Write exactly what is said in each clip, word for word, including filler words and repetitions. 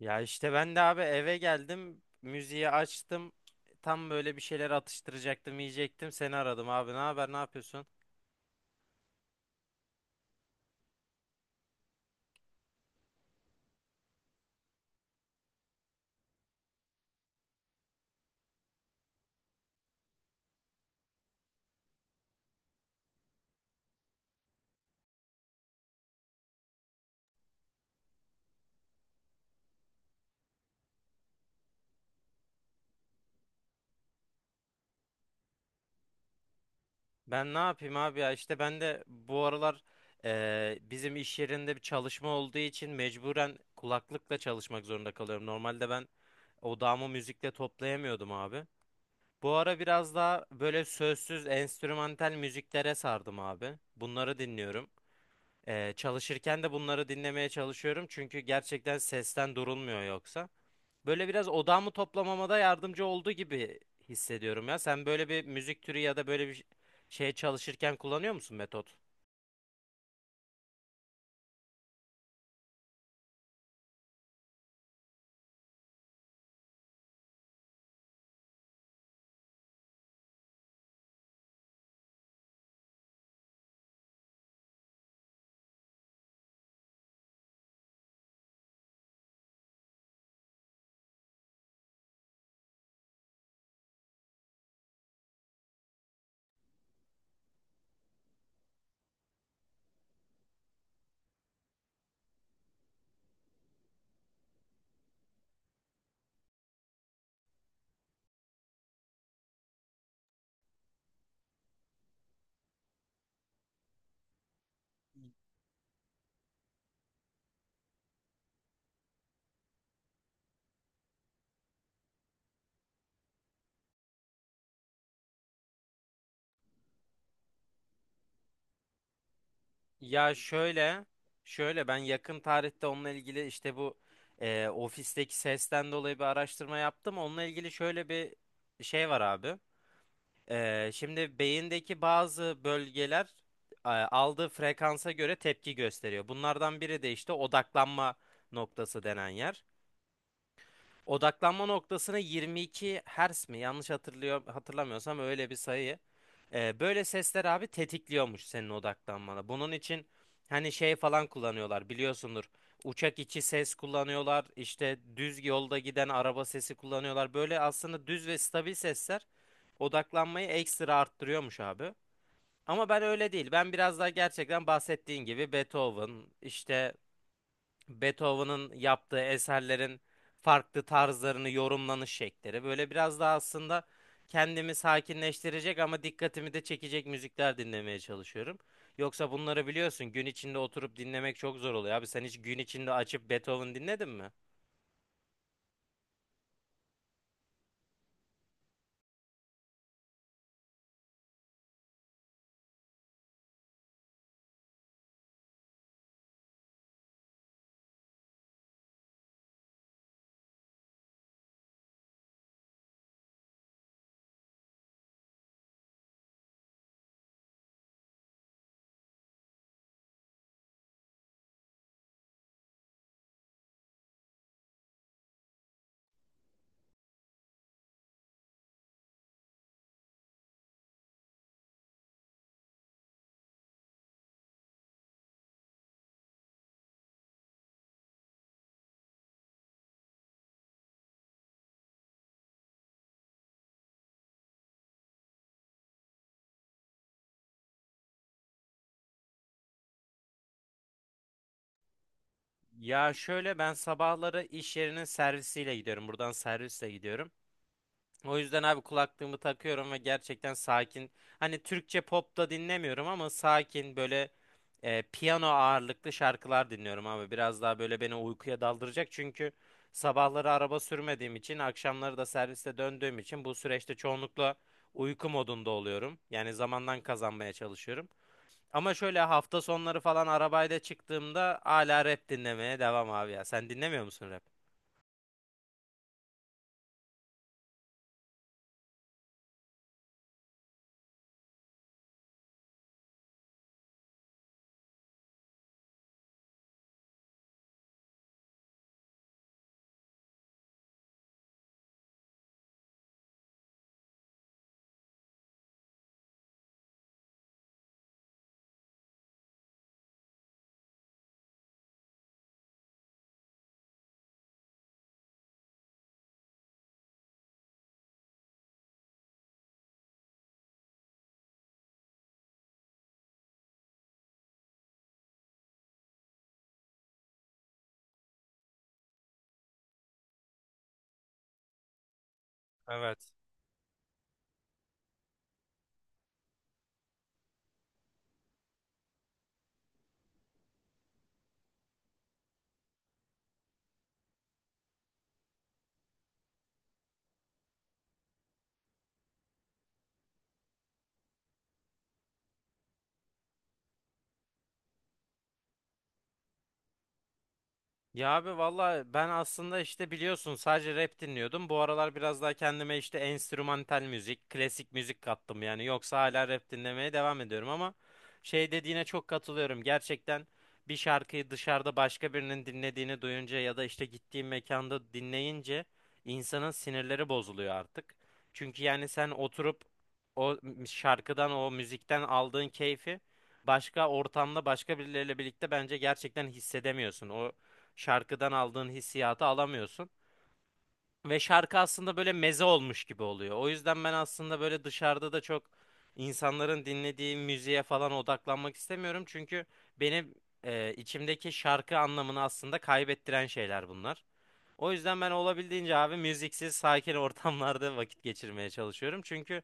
Ya işte ben de abi eve geldim, müziği açtım. Tam böyle bir şeyler atıştıracaktım, yiyecektim. Seni aradım abi. Ne haber, ne yapıyorsun? Ben ne yapayım abi ya? İşte ben de bu aralar eee, bizim iş yerinde bir çalışma olduğu için mecburen kulaklıkla çalışmak zorunda kalıyorum. Normalde ben odağımı müzikle toplayamıyordum abi. Bu ara biraz daha böyle sözsüz, enstrümantal müziklere sardım abi. Bunları dinliyorum. Ee, çalışırken de bunları dinlemeye çalışıyorum çünkü gerçekten sesten durulmuyor yoksa. Böyle biraz odağımı toplamama da yardımcı olduğu gibi hissediyorum ya. Sen böyle bir müzik türü ya da böyle bir şey çalışırken kullanıyor musun, metot? Ya şöyle, şöyle ben yakın tarihte onunla ilgili işte bu e, ofisteki sesten dolayı bir araştırma yaptım. Onunla ilgili şöyle bir şey var abi. Ee, şimdi beyindeki bazı bölgeler e, aldığı frekansa göre tepki gösteriyor. Bunlardan biri de işte odaklanma noktası denen yer. Odaklanma noktasına yirmi iki hertz mi? Yanlış hatırlıyor hatırlamıyorsam öyle bir sayı. Ee, böyle sesler abi tetikliyormuş senin odaklanmana. Bunun için hani şey falan kullanıyorlar, biliyorsundur. Uçak içi ses kullanıyorlar. İşte düz yolda giden araba sesi kullanıyorlar. Böyle aslında düz ve stabil sesler odaklanmayı ekstra arttırıyormuş abi. Ama ben öyle değil. Ben biraz daha gerçekten bahsettiğin gibi Beethoven, işte Beethoven'ın yaptığı eserlerin farklı tarzlarını yorumlanış şekilleri. Böyle biraz daha aslında kendimi sakinleştirecek ama dikkatimi de çekecek müzikler dinlemeye çalışıyorum. Yoksa bunları biliyorsun, gün içinde oturup dinlemek çok zor oluyor. Abi sen hiç gün içinde açıp Beethoven dinledin mi? Ya şöyle, ben sabahları iş yerinin servisiyle gidiyorum. Buradan servisle gidiyorum. O yüzden abi kulaklığımı takıyorum ve gerçekten sakin. Hani Türkçe pop da dinlemiyorum ama sakin böyle e, piyano ağırlıklı şarkılar dinliyorum abi. Biraz daha böyle beni uykuya daldıracak çünkü sabahları araba sürmediğim için, akşamları da serviste döndüğüm için bu süreçte çoğunlukla uyku modunda oluyorum. Yani zamandan kazanmaya çalışıyorum. Ama şöyle hafta sonları falan arabayla çıktığımda hala rap dinlemeye devam abi ya. Sen dinlemiyor musun rap? Evet. Ya abi valla ben aslında işte biliyorsun sadece rap dinliyordum. Bu aralar biraz daha kendime işte enstrümantal müzik, klasik müzik kattım yani. Yoksa hala rap dinlemeye devam ediyorum ama şey dediğine çok katılıyorum. Gerçekten bir şarkıyı dışarıda başka birinin dinlediğini duyunca ya da işte gittiğim mekanda dinleyince insanın sinirleri bozuluyor artık. Çünkü yani sen oturup o m- şarkıdan, o müzikten aldığın keyfi başka ortamda başka birileriyle birlikte bence gerçekten hissedemiyorsun. O şarkıdan aldığın hissiyatı alamıyorsun. Ve şarkı aslında böyle meze olmuş gibi oluyor. O yüzden ben aslında böyle dışarıda da çok insanların dinlediği müziğe falan odaklanmak istemiyorum. Çünkü benim e, içimdeki şarkı anlamını aslında kaybettiren şeyler bunlar. O yüzden ben olabildiğince abi müziksiz, sakin ortamlarda vakit geçirmeye çalışıyorum. Çünkü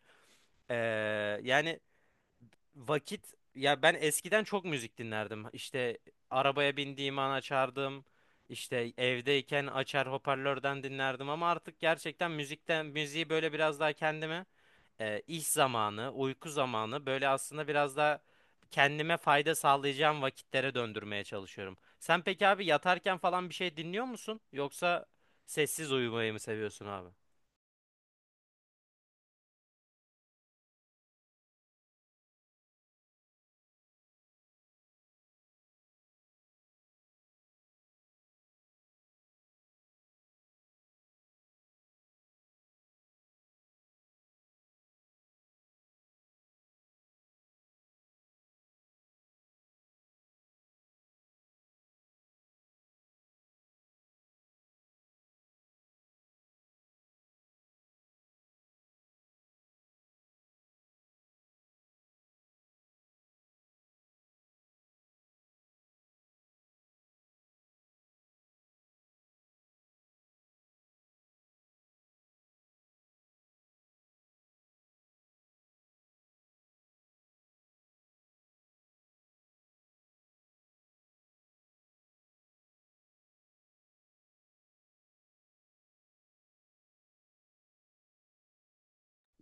e, yani vakit, ya ben eskiden çok müzik dinlerdim. İşte arabaya bindiğim an açardım. İşte evdeyken açar hoparlörden dinlerdim ama artık gerçekten müzikten müziği böyle biraz daha kendime e, iş zamanı, uyku zamanı böyle aslında biraz daha kendime fayda sağlayacağım vakitlere döndürmeye çalışıyorum. Sen peki abi yatarken falan bir şey dinliyor musun? Yoksa sessiz uyumayı mı seviyorsun abi?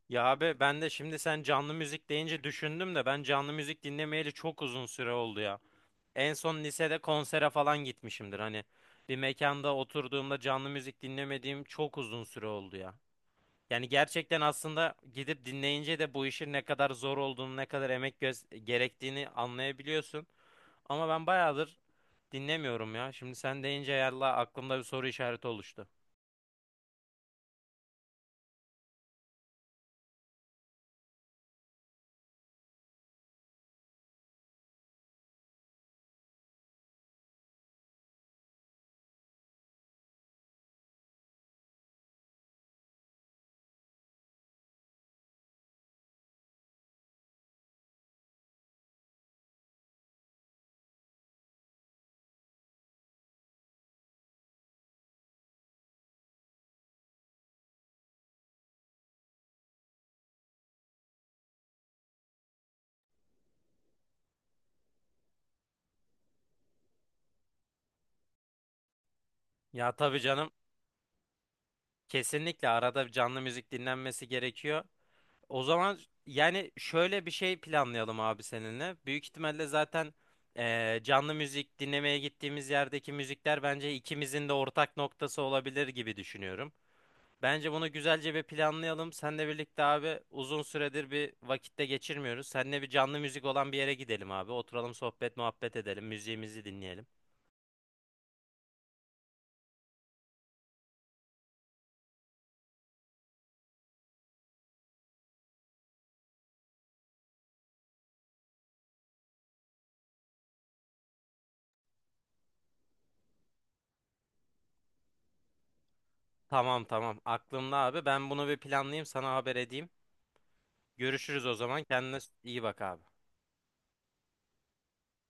Ya abi ben de şimdi sen canlı müzik deyince düşündüm de ben canlı müzik dinlemeyeli çok uzun süre oldu ya. En son lisede konsere falan gitmişimdir, hani bir mekanda oturduğumda canlı müzik dinlemediğim çok uzun süre oldu ya. Yani gerçekten aslında gidip dinleyince de bu işin ne kadar zor olduğunu, ne kadar emek göz- gerektiğini anlayabiliyorsun. Ama ben bayağıdır dinlemiyorum ya. Şimdi sen deyince yallah aklımda bir soru işareti oluştu. Ya tabii canım, kesinlikle arada bir canlı müzik dinlenmesi gerekiyor. O zaman yani şöyle bir şey planlayalım abi seninle. Büyük ihtimalle zaten eee, canlı müzik dinlemeye gittiğimiz yerdeki müzikler bence ikimizin de ortak noktası olabilir gibi düşünüyorum. Bence bunu güzelce bir planlayalım. Seninle birlikte abi uzun süredir bir vakitte geçirmiyoruz. Seninle bir canlı müzik olan bir yere gidelim abi. Oturalım sohbet muhabbet edelim. Müziğimizi dinleyelim. Tamam, tamam, aklımda abi. Ben bunu bir planlayayım, sana haber edeyim. Görüşürüz o zaman. Kendine iyi bak abi.